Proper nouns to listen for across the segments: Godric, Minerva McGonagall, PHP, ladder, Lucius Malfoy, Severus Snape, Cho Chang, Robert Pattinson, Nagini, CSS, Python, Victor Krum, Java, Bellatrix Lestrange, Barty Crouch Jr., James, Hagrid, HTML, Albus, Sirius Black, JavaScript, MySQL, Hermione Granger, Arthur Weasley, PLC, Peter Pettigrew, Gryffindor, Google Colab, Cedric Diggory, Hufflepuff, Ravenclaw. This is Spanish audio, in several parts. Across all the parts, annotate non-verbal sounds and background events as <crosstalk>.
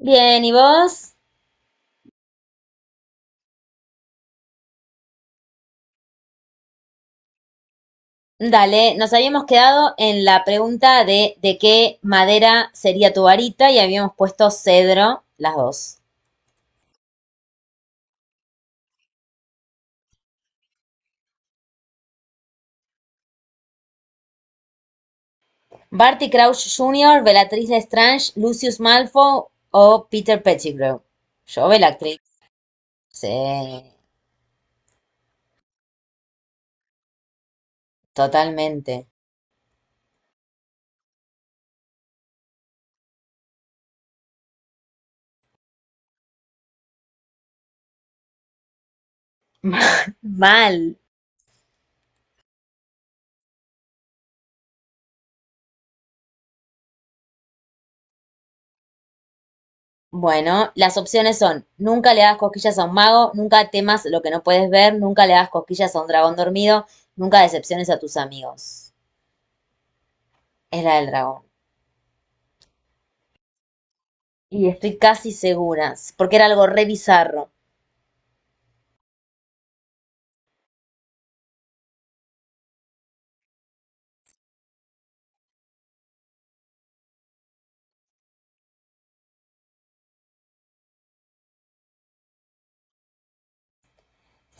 Bien, ¿y vos? Dale, nos habíamos quedado en la pregunta de qué madera sería tu varita y habíamos puesto cedro, las dos. Barty Crouch Jr., Bellatrix Lestrange, Lucius Malfoy o Peter Pettigrew. Yo, Bellatrix. Sí, totalmente. Mal. Bueno, las opciones son: nunca le hagas cosquillas a un mago, nunca temas lo que no puedes ver, nunca le hagas cosquillas a un dragón dormido, nunca decepciones a tus amigos. Es la del dragón. Y estoy casi segura, porque era algo re bizarro.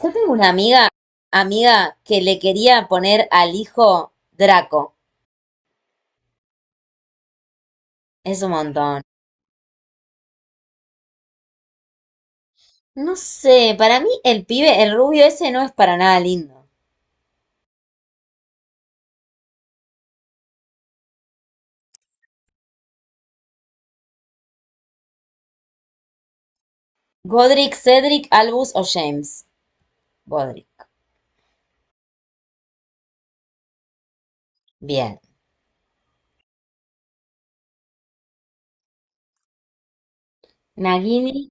Yo tengo una amiga, amiga, que le quería poner al hijo Draco. Es un montón. No sé, para mí el pibe, el rubio ese no es para nada lindo. Godric, Cedric, Albus o James. Godric. Bien. Nagini,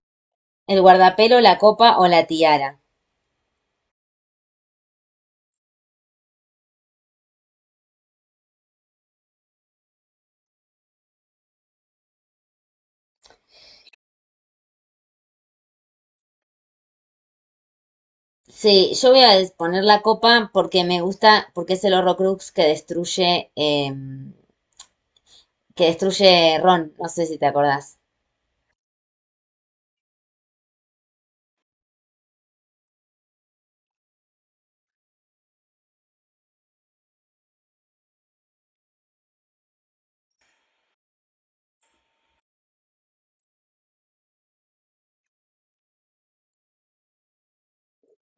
el guardapelo, la copa o la tiara. Sí, yo voy a poner la copa porque me gusta, porque es el Horrocrux que destruye Ron. No sé si te acordás.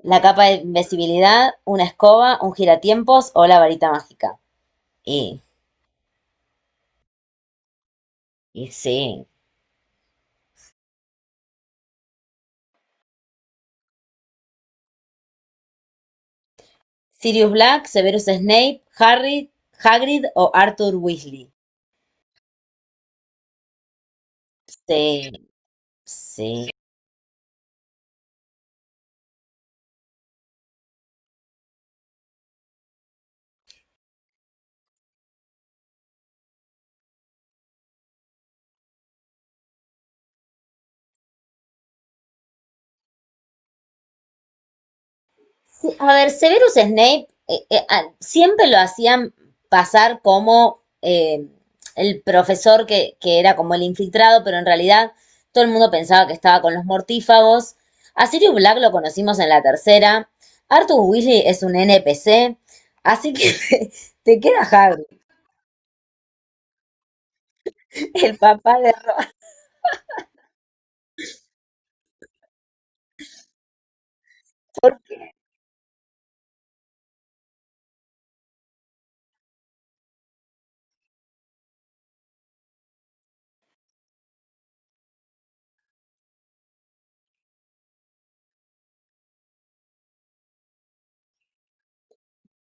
La capa de invisibilidad, una escoba, un giratiempos o la varita mágica. Y, y sí. Sirius Black, Severus Snape, Harry, Hagrid o Arthur Weasley. Sí, sí. Sí, a ver, Severus Snape siempre lo hacían pasar como el profesor que era como el infiltrado, pero en realidad todo el mundo pensaba que estaba con los mortífagos. A Sirius Black lo conocimos en la tercera. Arthur Weasley es un NPC, así que <laughs> te queda Hagrid, el papá de Arthur.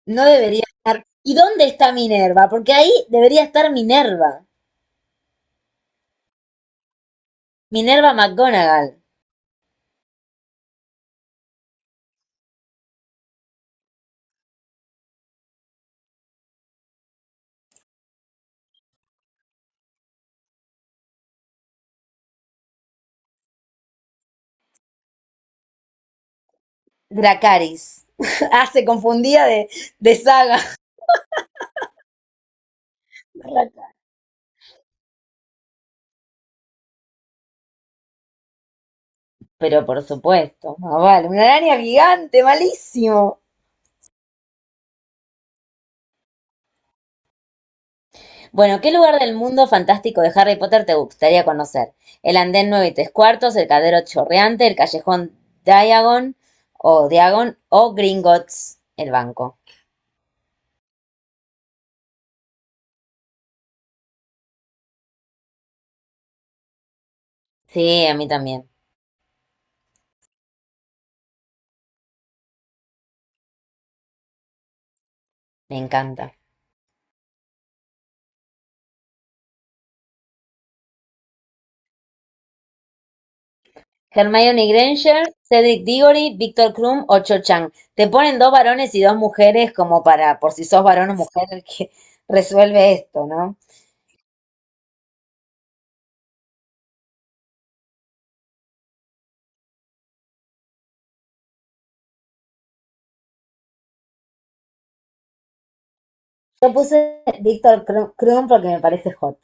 No debería estar. ¿Y dónde está Minerva? Porque ahí debería estar Minerva, Minerva McGonagall. Dracaris. <laughs> Ah, se confundía de saga. <laughs> Pero por supuesto, ah, vale, una araña gigante, malísimo. Bueno, ¿qué lugar del mundo fantástico de Harry Potter te gustaría conocer? El andén 9 y 3 cuartos, el cadero chorreante, el callejón Diagon o Diagon o Gringotts, el banco. Sí, a mí también, me encanta. Hermione Granger, Cedric Diggory, Victor Krum o Cho Chang. Te ponen dos varones y dos mujeres como para, por si sos varón o mujer, que <laughs> resuelve esto, ¿no? Yo puse Victor Krum porque me parece hot.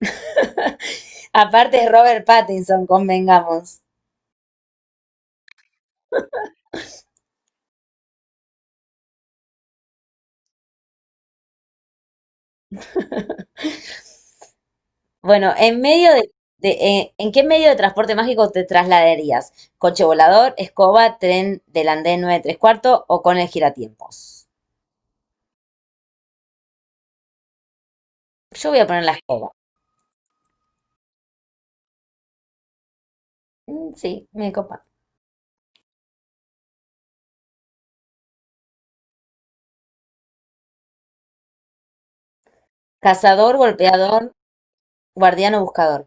<laughs> Aparte es Robert Pattinson, convengamos. Bueno, de- ¿en qué medio de transporte mágico te trasladarías? ¿Coche volador, escoba, tren del andén 9 3 cuartos o con el giratiempos? Yo voy a poner la escoba. Mm, sí, me copa. Cazador, golpeador, guardián o buscador.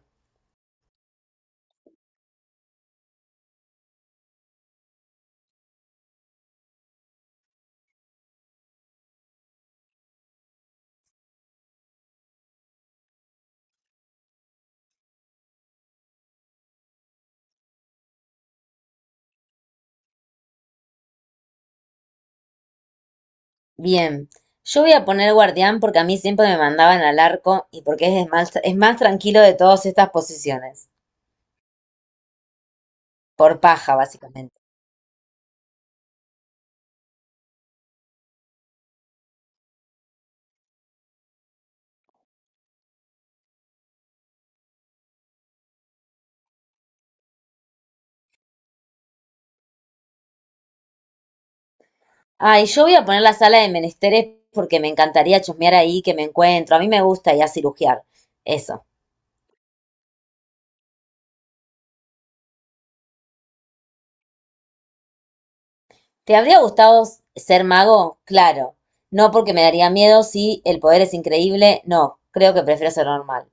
Bien. Yo voy a poner guardián porque a mí siempre me mandaban al arco y porque es más tranquilo de todas estas posiciones. Por paja, básicamente. Ah, y yo voy a poner la sala de menesteres porque me encantaría chusmear ahí, que me encuentro. A mí me gusta ya a cirugiar. Eso. ¿Te habría gustado ser mago? Claro. No, porque me daría miedo si el poder es increíble. No, creo que prefiero ser normal.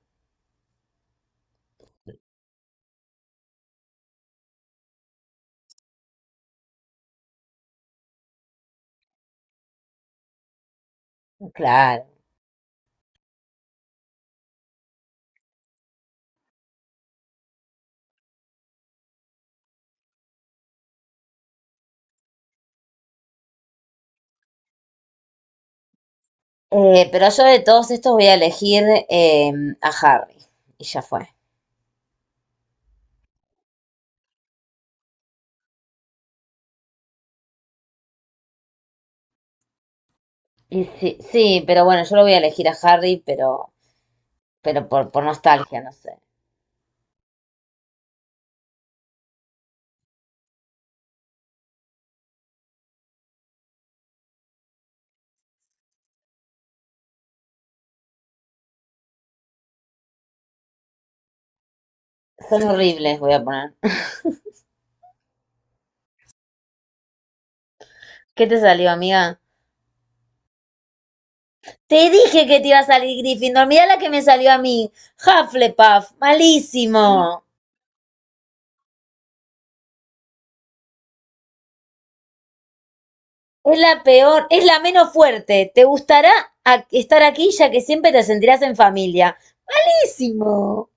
Claro. Pero yo de todos estos voy a elegir a Harry. Y ya fue. Y sí, sí, pero bueno, yo lo voy a elegir a Harry, pero, por nostalgia, no sé. Son horribles, voy a poner. <laughs> ¿Qué te salió, amiga? Te dije que te iba a salir Gryffindor. Mirá la que me salió a mí. Hufflepuff. Malísimo. Es la peor, es la menos fuerte. Te gustará estar aquí, ya que siempre te sentirás en familia. Malísimo.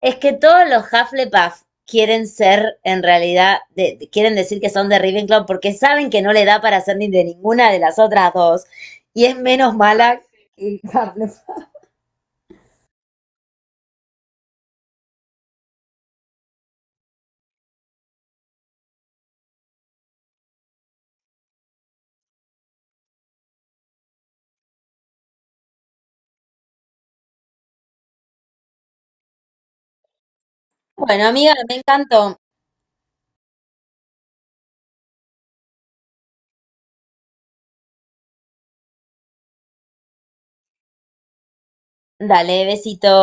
Es que todos los Hufflepuff quieren ser, en realidad, quieren decir que son de Ravenclaw porque saben que no le da para ser ni de ninguna de las otras dos. Y es menos mala que Hufflepuff. Bueno, amiga, me encantó. Dale, besito.